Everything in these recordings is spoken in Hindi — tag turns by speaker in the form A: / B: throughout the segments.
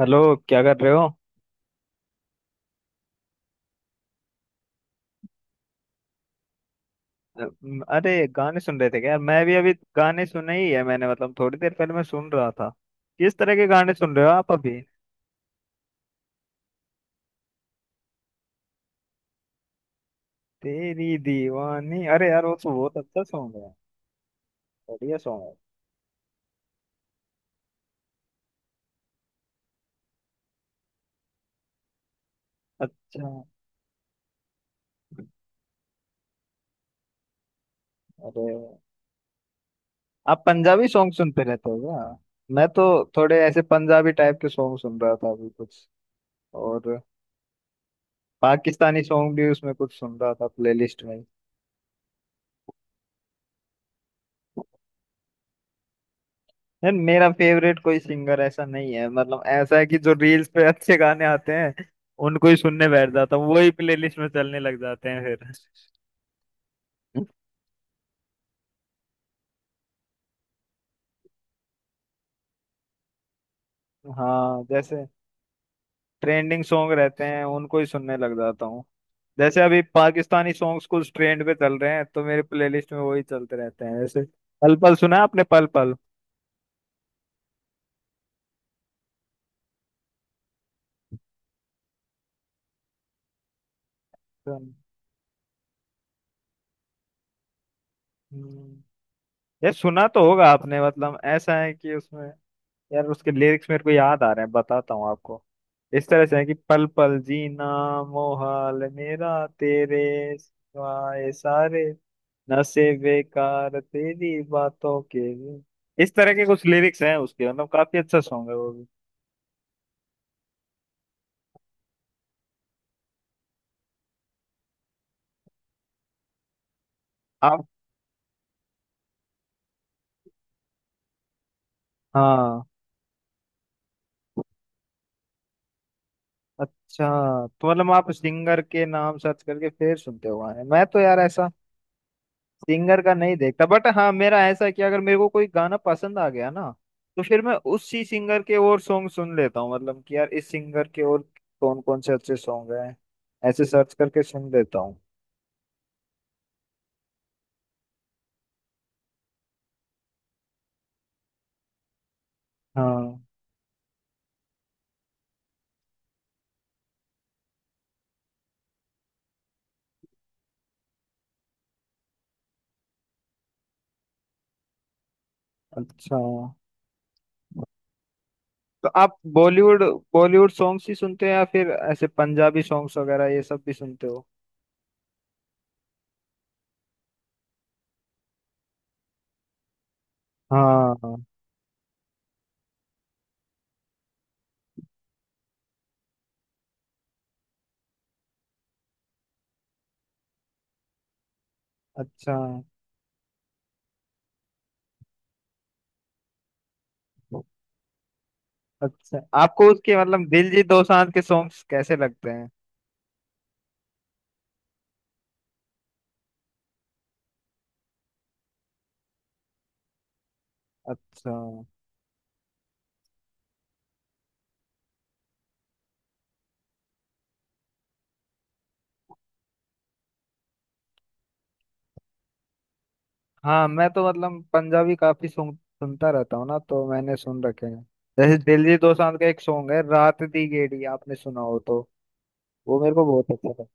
A: हेलो। क्या कर रहे हो? अ, अरे गाने सुन रहे थे क्या यार। मैं भी अभी गाने सुने ही है मैंने, मतलब थोड़ी देर पहले मैं सुन रहा था। किस तरह के गाने सुन रहे हो आप अभी? तेरी दीवानी, अरे यार वो तो बहुत अच्छा सॉन्ग है। बढ़िया सॉन्ग है। अच्छा। अरे आप पंजाबी सॉन्ग सुनते रहते हो क्या? मैं तो थोड़े ऐसे पंजाबी टाइप के सॉन्ग सुन रहा था अभी कुछ, और पाकिस्तानी सॉन्ग भी उसमें कुछ सुन रहा था प्लेलिस्ट में। यार मेरा फेवरेट कोई सिंगर ऐसा नहीं है, मतलब ऐसा है कि जो रील्स पे अच्छे गाने आते हैं उनको ही सुनने बैठ जाता हूँ, वही प्लेलिस्ट में चलने लग जाते हैं फिर। हाँ जैसे ट्रेंडिंग सॉन्ग रहते हैं उनको ही सुनने लग जाता हूँ। जैसे अभी पाकिस्तानी सॉन्ग्स कुछ ट्रेंड पे चल रहे हैं तो मेरे प्लेलिस्ट में वही चलते रहते हैं। जैसे पल पल सुना है आपने? पल पल। हम्म, ये सुना तो होगा आपने, मतलब ऐसा है कि उसमें, यार उसके लिरिक्स मेरे को याद आ रहे हैं, बताता हूँ आपको। इस तरह से है कि पल पल जीना मोहाल मेरा, तेरे सिवाय सारे नशे बेकार तेरी बातों के लिए। इस तरह के कुछ लिरिक्स हैं उसके, मतलब काफी अच्छा सॉन्ग है वो भी। आप। हाँ। अच्छा। तो मतलब आप सिंगर के नाम सर्च करके फिर सुनते हो गाने? मैं तो यार ऐसा सिंगर का नहीं देखता, बट हाँ मेरा ऐसा है कि अगर मेरे को कोई गाना पसंद आ गया ना, तो फिर मैं उसी सिंगर के और सॉन्ग सुन लेता हूँ। मतलब कि यार इस सिंगर के और कौन कौन से अच्छे सॉन्ग हैं ऐसे सर्च करके सुन लेता हूँ। हाँ। अच्छा। तो आप बॉलीवुड बॉलीवुड सॉन्ग्स ही सुनते हैं या फिर ऐसे पंजाबी सॉन्ग्स वगैरह ये सब भी सुनते हो? हाँ हाँ। अच्छा अच्छा आपको उसके मतलब दिलजीत दोसांझ के सॉन्ग्स कैसे लगते हैं? अच्छा। हाँ मैं तो मतलब पंजाबी काफी सुनता रहता हूँ ना, तो मैंने सुन रखे हैं। जैसे दिलजीत दोसांझ का एक सॉन्ग है रात दी गेड़ी, आपने सुना हो तो। वो मेरे को बहुत अच्छा था।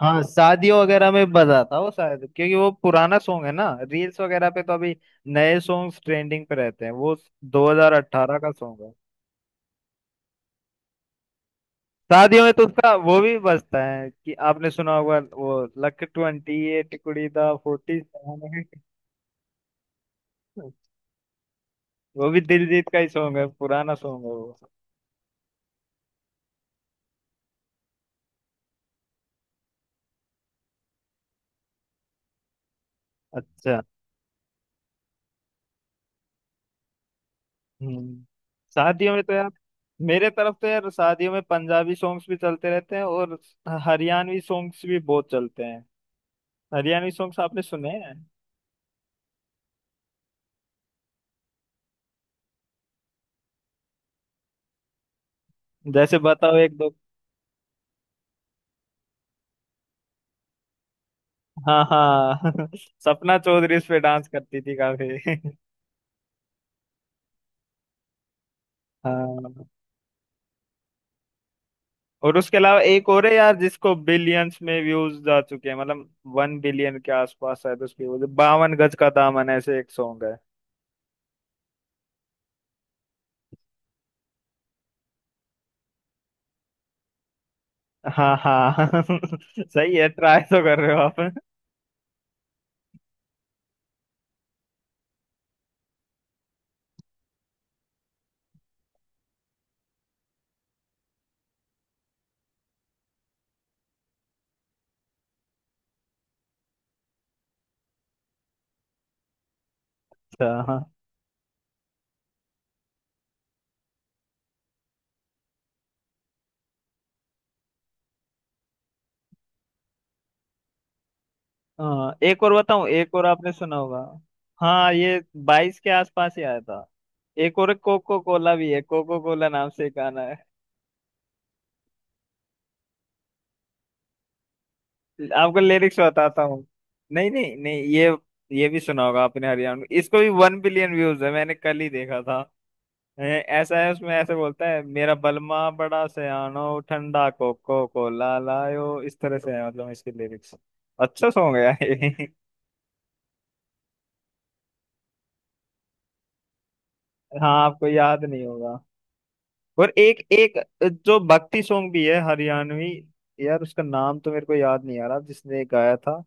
A: हाँ शादियों वगैरह में बजाता वो शायद, क्योंकि वो पुराना सॉन्ग है ना, रील्स वगैरह पे तो अभी नए सॉन्ग ट्रेंडिंग पे रहते हैं। वो 2018 का सॉन्ग है। शादियों में तो उसका वो भी बजता है कि आपने सुना होगा, वो लक 28 कुड़ी दा 47, वो भी दिलजीत का ही सॉन्ग है, पुराना सॉन्ग है वो। अच्छा। हम्म शादियों में तो यार मेरे तरफ तो यार शादियों में पंजाबी सॉन्ग्स भी चलते रहते हैं, और हरियाणवी सॉन्ग्स भी बहुत चलते हैं। हरियाणवी सॉन्ग्स आपने सुने हैं? जैसे बताओ एक दो। हाँ हाँ सपना चौधरी इस पे डांस करती थी काफी। हाँ। और उसके अलावा एक और है यार जिसको बिलियंस में व्यूज जा चुके हैं, मतलब वन बिलियन के आसपास शायद उसकी। वो जो 52 गज का दामन ऐसे एक सॉन्ग है। हाँ हाँ सही है, ट्राई तो कर रहे हो आप। अच्छा, हाँ। हाँ एक और बताऊं, एक और आपने सुना होगा। हाँ ये 22 के आसपास ही आया था। एक और कोको कोला भी है, कोको कोला नाम से एक गाना है। आपको लिरिक्स बताता हूँ। नहीं नहीं नहीं, ये ये भी सुना होगा आपने हरियाणा में, इसको भी वन बिलियन व्यूज है, मैंने कल ही देखा था। ऐसा है उसमें ऐसे बोलता है, मेरा बलमा बड़ा सयानो ठंडा कोको कोला लायो, इस तरह से है मतलब इसके लिरिक्स। अच्छा सॉन्ग है यार ये। हाँ आपको याद नहीं होगा। और एक एक जो भक्ति सॉन्ग भी है हरियाणवी, यार उसका नाम तो मेरे को याद नहीं आ रहा जिसने गाया था।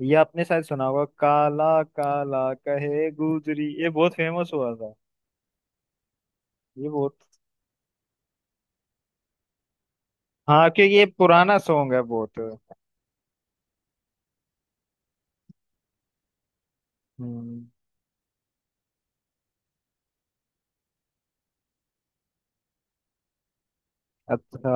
A: ये आपने शायद सुना होगा, काला काला कहे गुजरी, ये बहुत फेमस हुआ था। ये बहुत। हाँ क्योंकि ये पुराना सॉन्ग है बहुत। हम्म। अच्छा।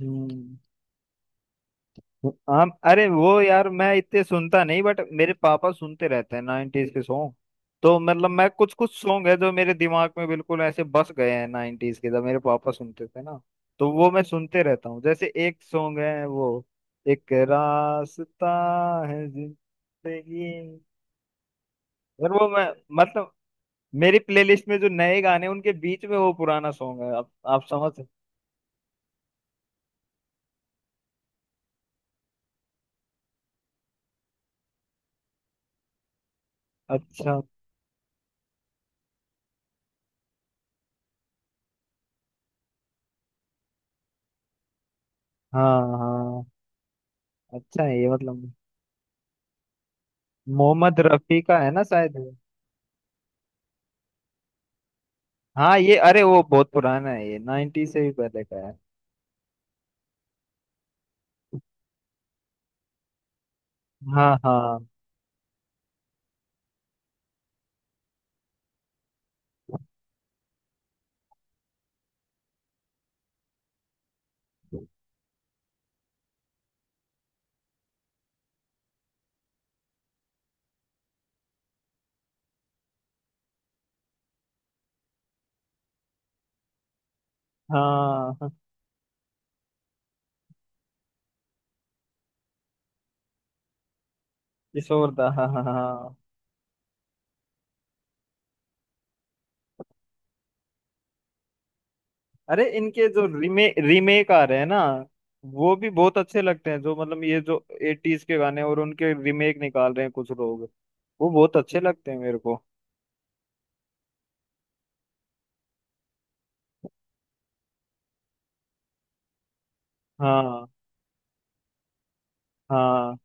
A: हम्म। हाँ अरे वो यार मैं इतने सुनता नहीं, बट मेरे पापा सुनते रहते हैं 90s के सॉन्ग। तो मतलब मैं कुछ कुछ सॉन्ग है जो मेरे दिमाग में बिल्कुल ऐसे बस गए हैं 90s के, जब मेरे पापा सुनते थे ना तो वो मैं सुनते रहता हूँ। जैसे एक सॉन्ग है वो एक रास्ता है जिंदगी, और वो मैं मतलब मेरी प्लेलिस्ट में जो नए गाने हैं, उनके बीच में वो पुराना सॉन्ग है। आप समझ। अच्छा। हाँ हाँ। अच्छा है ये, मतलब मोहम्मद रफी का है ना शायद। हाँ ये अरे वो बहुत पुराना है, ये 90 से भी पहले का है। हाँ हाँ हाँ किशोरदा, हाँ हाँ हाँ। अरे इनके जो रीमेक रीमेक आ रहे हैं ना, वो भी बहुत अच्छे लगते हैं। जो मतलब ये जो 80s के गाने और उनके रीमेक निकाल रहे हैं कुछ लोग, वो बहुत अच्छे लगते हैं मेरे को। हाँ हाँ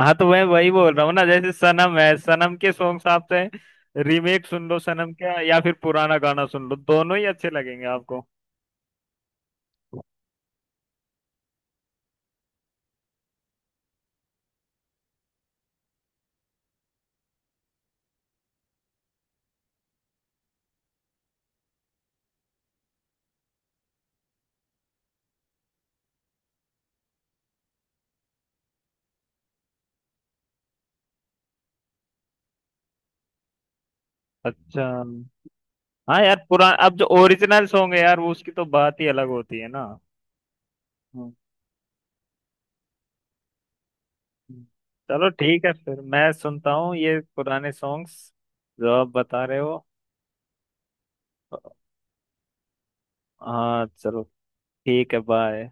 A: हाँ तो मैं वही बोल रहा हूँ ना, जैसे सनम है, सनम के सॉन्ग्स आप चाहे रीमेक सुन लो सनम का, या फिर पुराना गाना सुन लो, दोनों ही अच्छे लगेंगे आपको। अच्छा। हाँ यार पुराना, अब जो ओरिजिनल सॉन्ग है यार वो उसकी तो बात ही अलग होती है ना। हाँ हाँ। चलो ठीक है फिर मैं सुनता हूँ ये पुराने सॉन्ग्स जो आप बता रहे हो। हाँ चलो। ठीक है बाय।